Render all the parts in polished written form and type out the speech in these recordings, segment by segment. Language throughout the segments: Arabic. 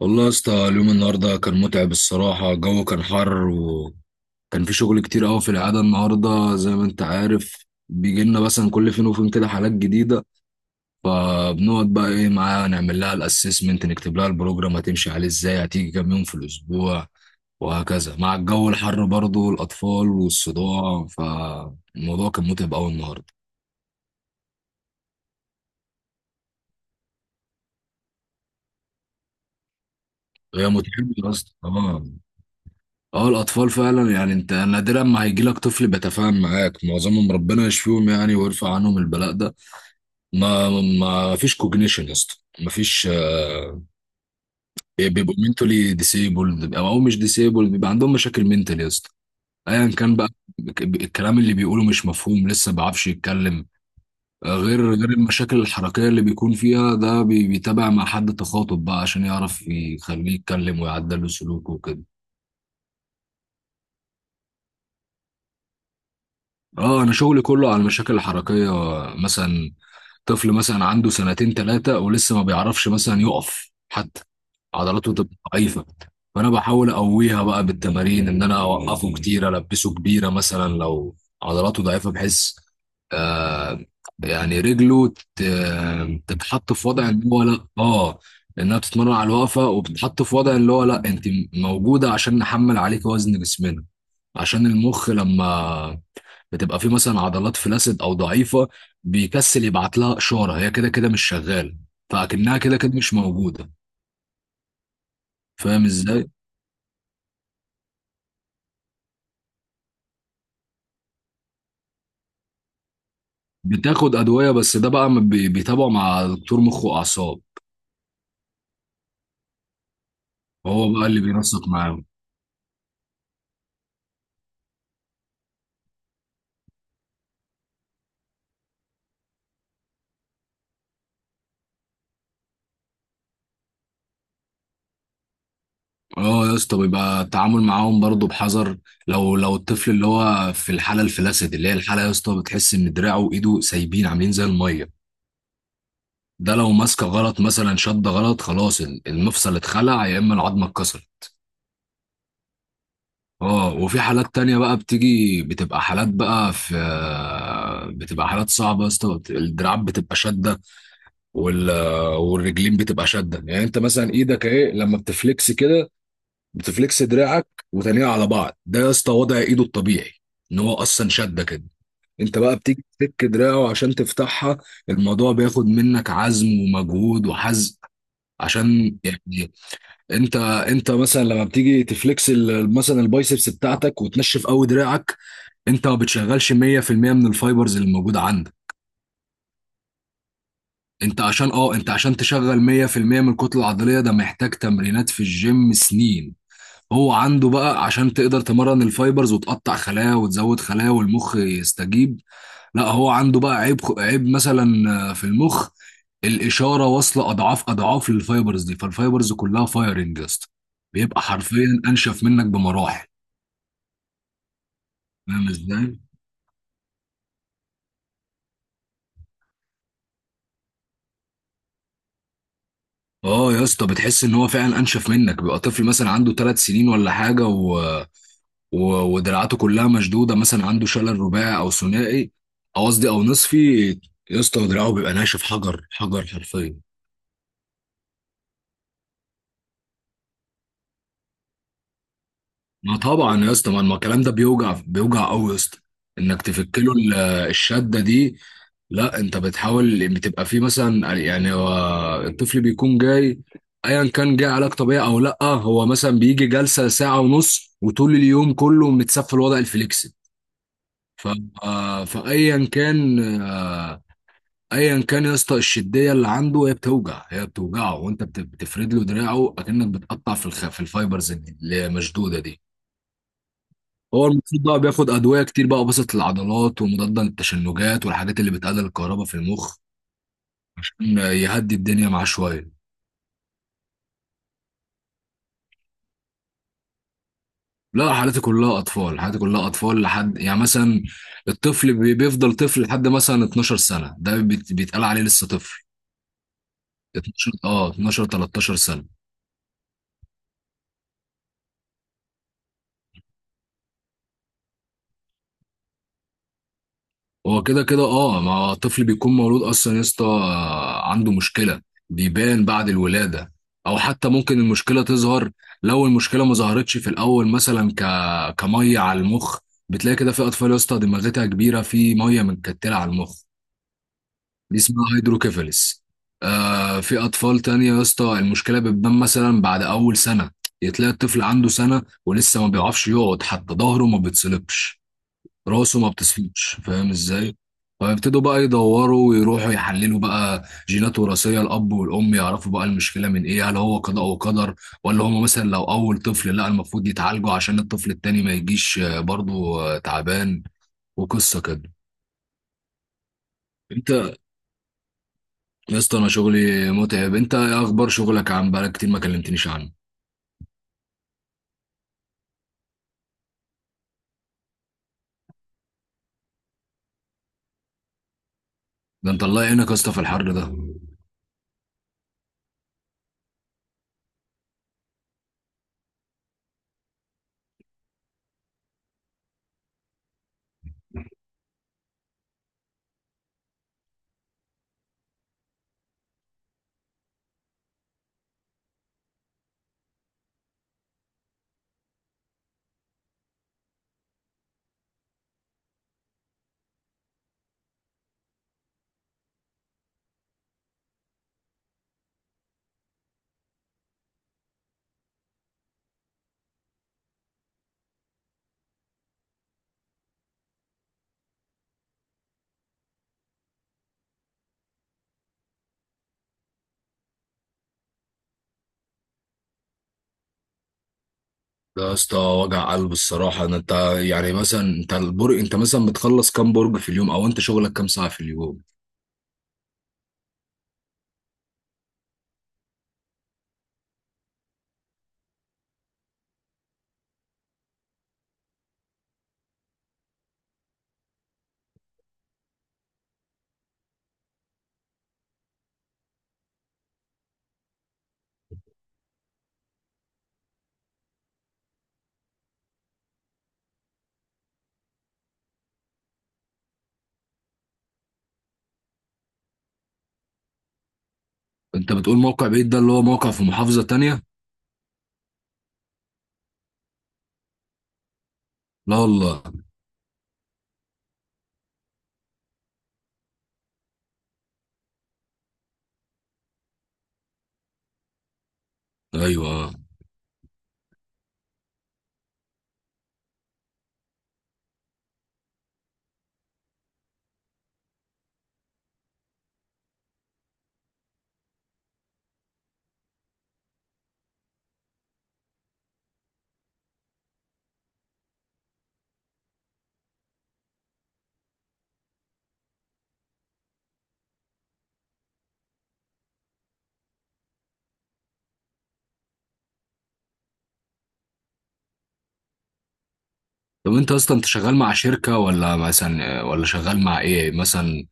والله يا اسطى، اليوم النهارده كان متعب الصراحة. الجو كان حر، وكان في شغل كتير قوي. في العادة النهارده زي ما انت عارف بيجي لنا مثلا كل فين وفين كده حالات جديدة، فبنقعد بقى ايه معاها، نعمل لها الاسسمنت، نكتب لها البروجرام هتمشي عليه ازاي، هتيجي كام يوم في الاسبوع، وهكذا. مع الجو الحر برضه والاطفال والصداع، فالموضوع كان متعب قوي النهارده. هي متعبة يا اسطى. اه، اه، الاطفال فعلا. يعني انت نادرا ما هيجي لك طفل بيتفاهم معاك، معظمهم ربنا يشفيهم يعني ويرفع عنهم البلاء ده. ما ما فيش كوجنيشن يا اسطى. ما فيش. بيبقوا منتولي ديسيبلد او مش ديسيبلد، بيبقى عندهم مشاكل منتال يا اسطى، ايا كان بقى. الكلام اللي بيقوله مش مفهوم، لسه ما بيعرفش يتكلم. غير المشاكل الحركيه اللي بيكون فيها، ده بيتابع مع حد تخاطب بقى عشان يعرف يخليه يتكلم ويعدل له سلوكه وكده. اه، انا شغلي كله على المشاكل الحركيه. مثلا طفل مثلا عنده سنتين ثلاثة ولسه ما بيعرفش مثلا يقف حتى، عضلاته تبقى ضعيفة. فأنا بحاول أقويها بقى بالتمارين، إن أنا أوقفه كتير، ألبسه كبيرة مثلا لو عضلاته ضعيفة بحيث آه يعني رجله ت- تتحط في وضع إن هو لأ. آه، إنها بتتمرن على الوقفة، وبتتحط في وضع اللي هو لأ، أنت موجودة عشان نحمل عليك وزن جسمنا. عشان المخ لما بتبقى في مثلا عضلات فلاسد او ضعيفه، بيكسل يبعت لها اشاره، هي كده كده مش شغاله، فاكنها كده كده مش موجوده. فاهم ازاي. بتاخد ادويه، بس ده بقى بيتابعه مع دكتور مخ واعصاب. هو بقى اللي بينسق معاهم. اه يا اسطى، بيبقى التعامل معاهم برضه بحذر. لو الطفل اللي هو في الحاله الفلاسد، اللي هي الحاله يا اسطى، بتحس ان دراعه وايده سايبين عاملين زي الميه. ده لو ماسكه غلط مثلا، شد غلط، خلاص المفصل اتخلع يا اما العظمه اتكسرت. اه، وفي حالات تانية بقى بتيجي، بتبقى حالات بقى في... بتبقى حالات صعبة يا اسطى، الدراعات بتبقى شادة، وال... والرجلين بتبقى شادة. يعني انت مثلا ايدك اهي، لما بتفلكس كده، بتفلكس دراعك وتانية على بعض، ده يا اسطى وضع ايده الطبيعي، ان هو اصلا شادة كده. انت بقى بتيجي تفك دراعه عشان تفتحها. الموضوع بياخد منك عزم ومجهود وحزق عشان يعني... انت انت مثلا لما بتيجي تفلكس مثلا البايسبس بتاعتك وتنشف قوي دراعك، انت ما بتشغلش 100% من الفايبرز اللي موجوده عندك. انت عشان اه، انت عشان تشغل 100% من الكتله العضليه، ده محتاج تمرينات في الجيم سنين. هو عنده بقى، عشان تقدر تمرن الفايبرز وتقطع خلايا وتزود خلايا والمخ يستجيب. لا، هو عنده بقى عيب، عيب مثلا في المخ. الاشاره واصله اضعاف اضعاف للفايبرز دي، فالفايبرز كلها فايرنج يا اسطى، بيبقى حرفيا انشف منك بمراحل. فاهم ازاي. اه يا اسطى، بتحس ان هو فعلا انشف منك. بيبقى طفل مثلا عنده 3 سنين ولا حاجه و... ودراعاته كلها مشدوده، مثلا عنده شلل رباعي او ثنائي، او قصدي او نصفي، يا اسطى دراعه بيبقى ناشف حجر حجر حرفيا. ما طبعا يا اسطى، ما الكلام ده بيوجع، بيوجع قوي يا اسطى، انك تفك له الشده دي. لا، انت بتحاول، بتبقى فيه مثلا يعني هو الطفل بيكون جاي، ايا كان جاي علاج طبيعي او لا، هو مثلا بيجي جلسه ساعه ونص، وطول اليوم كله متسفل وضع الفليكس. ف آه، فايا كان آه، ايا كان يا اسطى، الشديه اللي عنده هي بتوجع، هي بتوجعه، وانت بتفرد له دراعه اكنك بتقطع في في الفايبرز اللي مشدوده دي. هو المفروض بقى بياخد ادويه كتير بقى، وبسط العضلات، ومضاد للتشنجات، والحاجات اللي بتقلل الكهرباء في المخ عشان يهدي الدنيا معاه شويه. لا، حالتي كلها اطفال، حالتي كلها اطفال لحد يعني مثلا الطفل بيفضل طفل لحد مثلا 12 سنه، ده بيتقال عليه لسه طفل. 12 12 13 سنه. هو كده كده اه، ما الطفل بيكون مولود اصلا يا اسطى عنده مشكله، بيبان بعد الولاده. او حتى ممكن المشكله تظهر لو المشكله ما ظهرتش في الاول، مثلا كميه على المخ، بتلاقي كده في اطفال يا اسطى دماغتها كبيره، في ميه متكتله على المخ، دي اسمها هيدروكيفالس. آه، في اطفال تانية يا اسطى المشكله بتبان مثلا بعد اول سنه. تلاقي الطفل عنده سنه ولسه ما بيعرفش يقعد حتى، ظهره ما بيتصلبش، راسه ما بتصفيش. فاهم ازاي. فيبتدوا بقى يدوروا ويروحوا يحللوا بقى جينات وراثيه الاب والام، يعرفوا بقى المشكله من ايه، هل هو قضاء وقدر، ولا هم مثلا لو اول طفل، لا المفروض يتعالجوا عشان الطفل التاني ما يجيش برضه تعبان وقصه كده. انت... يا اسطى انا شغلي متعب، انت ايه اخبار شغلك؟ عن بقالك كتير ما كلمتنيش عنه. ده انت الله يعينك يا اسطى في الحر ده. ده يا اسطى وجع قلب الصراحه ده. انت يعني مثلا، انت البرج، انت مثلا بتخلص كام برج في اليوم؟ او انت شغلك كام ساعه في اليوم؟ انت بتقول موقع بعيد، ده اللي هو موقع في محافظة تانية؟ لا والله. ايوه. آه. طب انت اصلا، انت شغال مع شركة ولا مثلا، ولا شغال مع ايه مثلا؟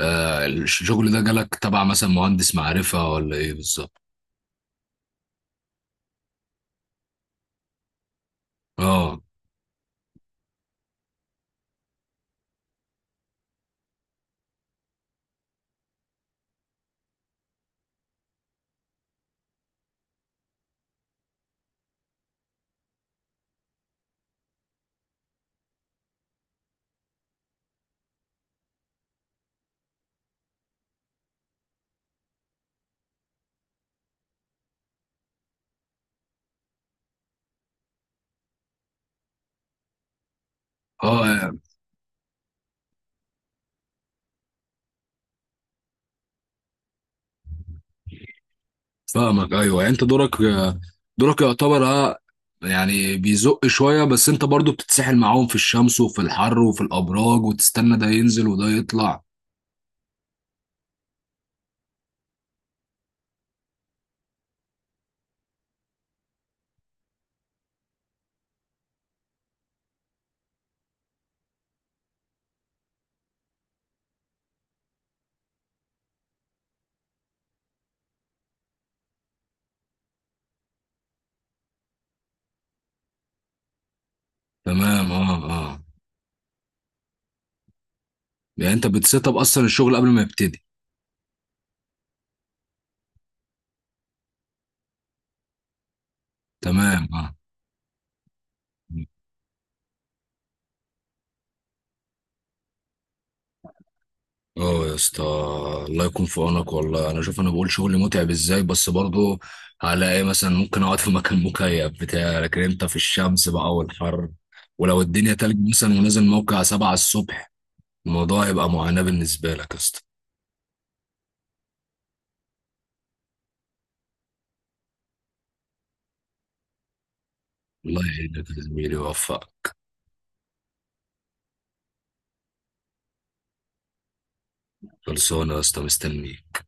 آه، الشغل ده جالك تبع مثلا مهندس معرفة ولا ايه بالظبط؟ اه. اه. فاهمك، ايوه. يعني انت دورك دورك يعتبر اه، يعني بيزق شوية. بس انت برضو بتتسحل معاهم في الشمس وفي الحر وفي الابراج، وتستنى ده ينزل وده يطلع. تمام، اه، اه. يعني انت بتسيت اب اصلا الشغل قبل ما يبتدي. تمام، اه، اه يا اسطى، الله يكون في عونك والله. انا شوف، انا بقول شغل متعب ازاي، بس برضه هلاقي إيه، مثلا ممكن اقعد في مكان مكيف بتاع، لكن انت في الشمس بقى والحر، ولو الدنيا تلج مثلا ونازل موقع 7 الصبح، الموضوع هيبقى معاناة بالنسبة لك يا اسطى. الله يعينك يا زميلي ويوفقك. خلصانة يا اسطى، مستنيك.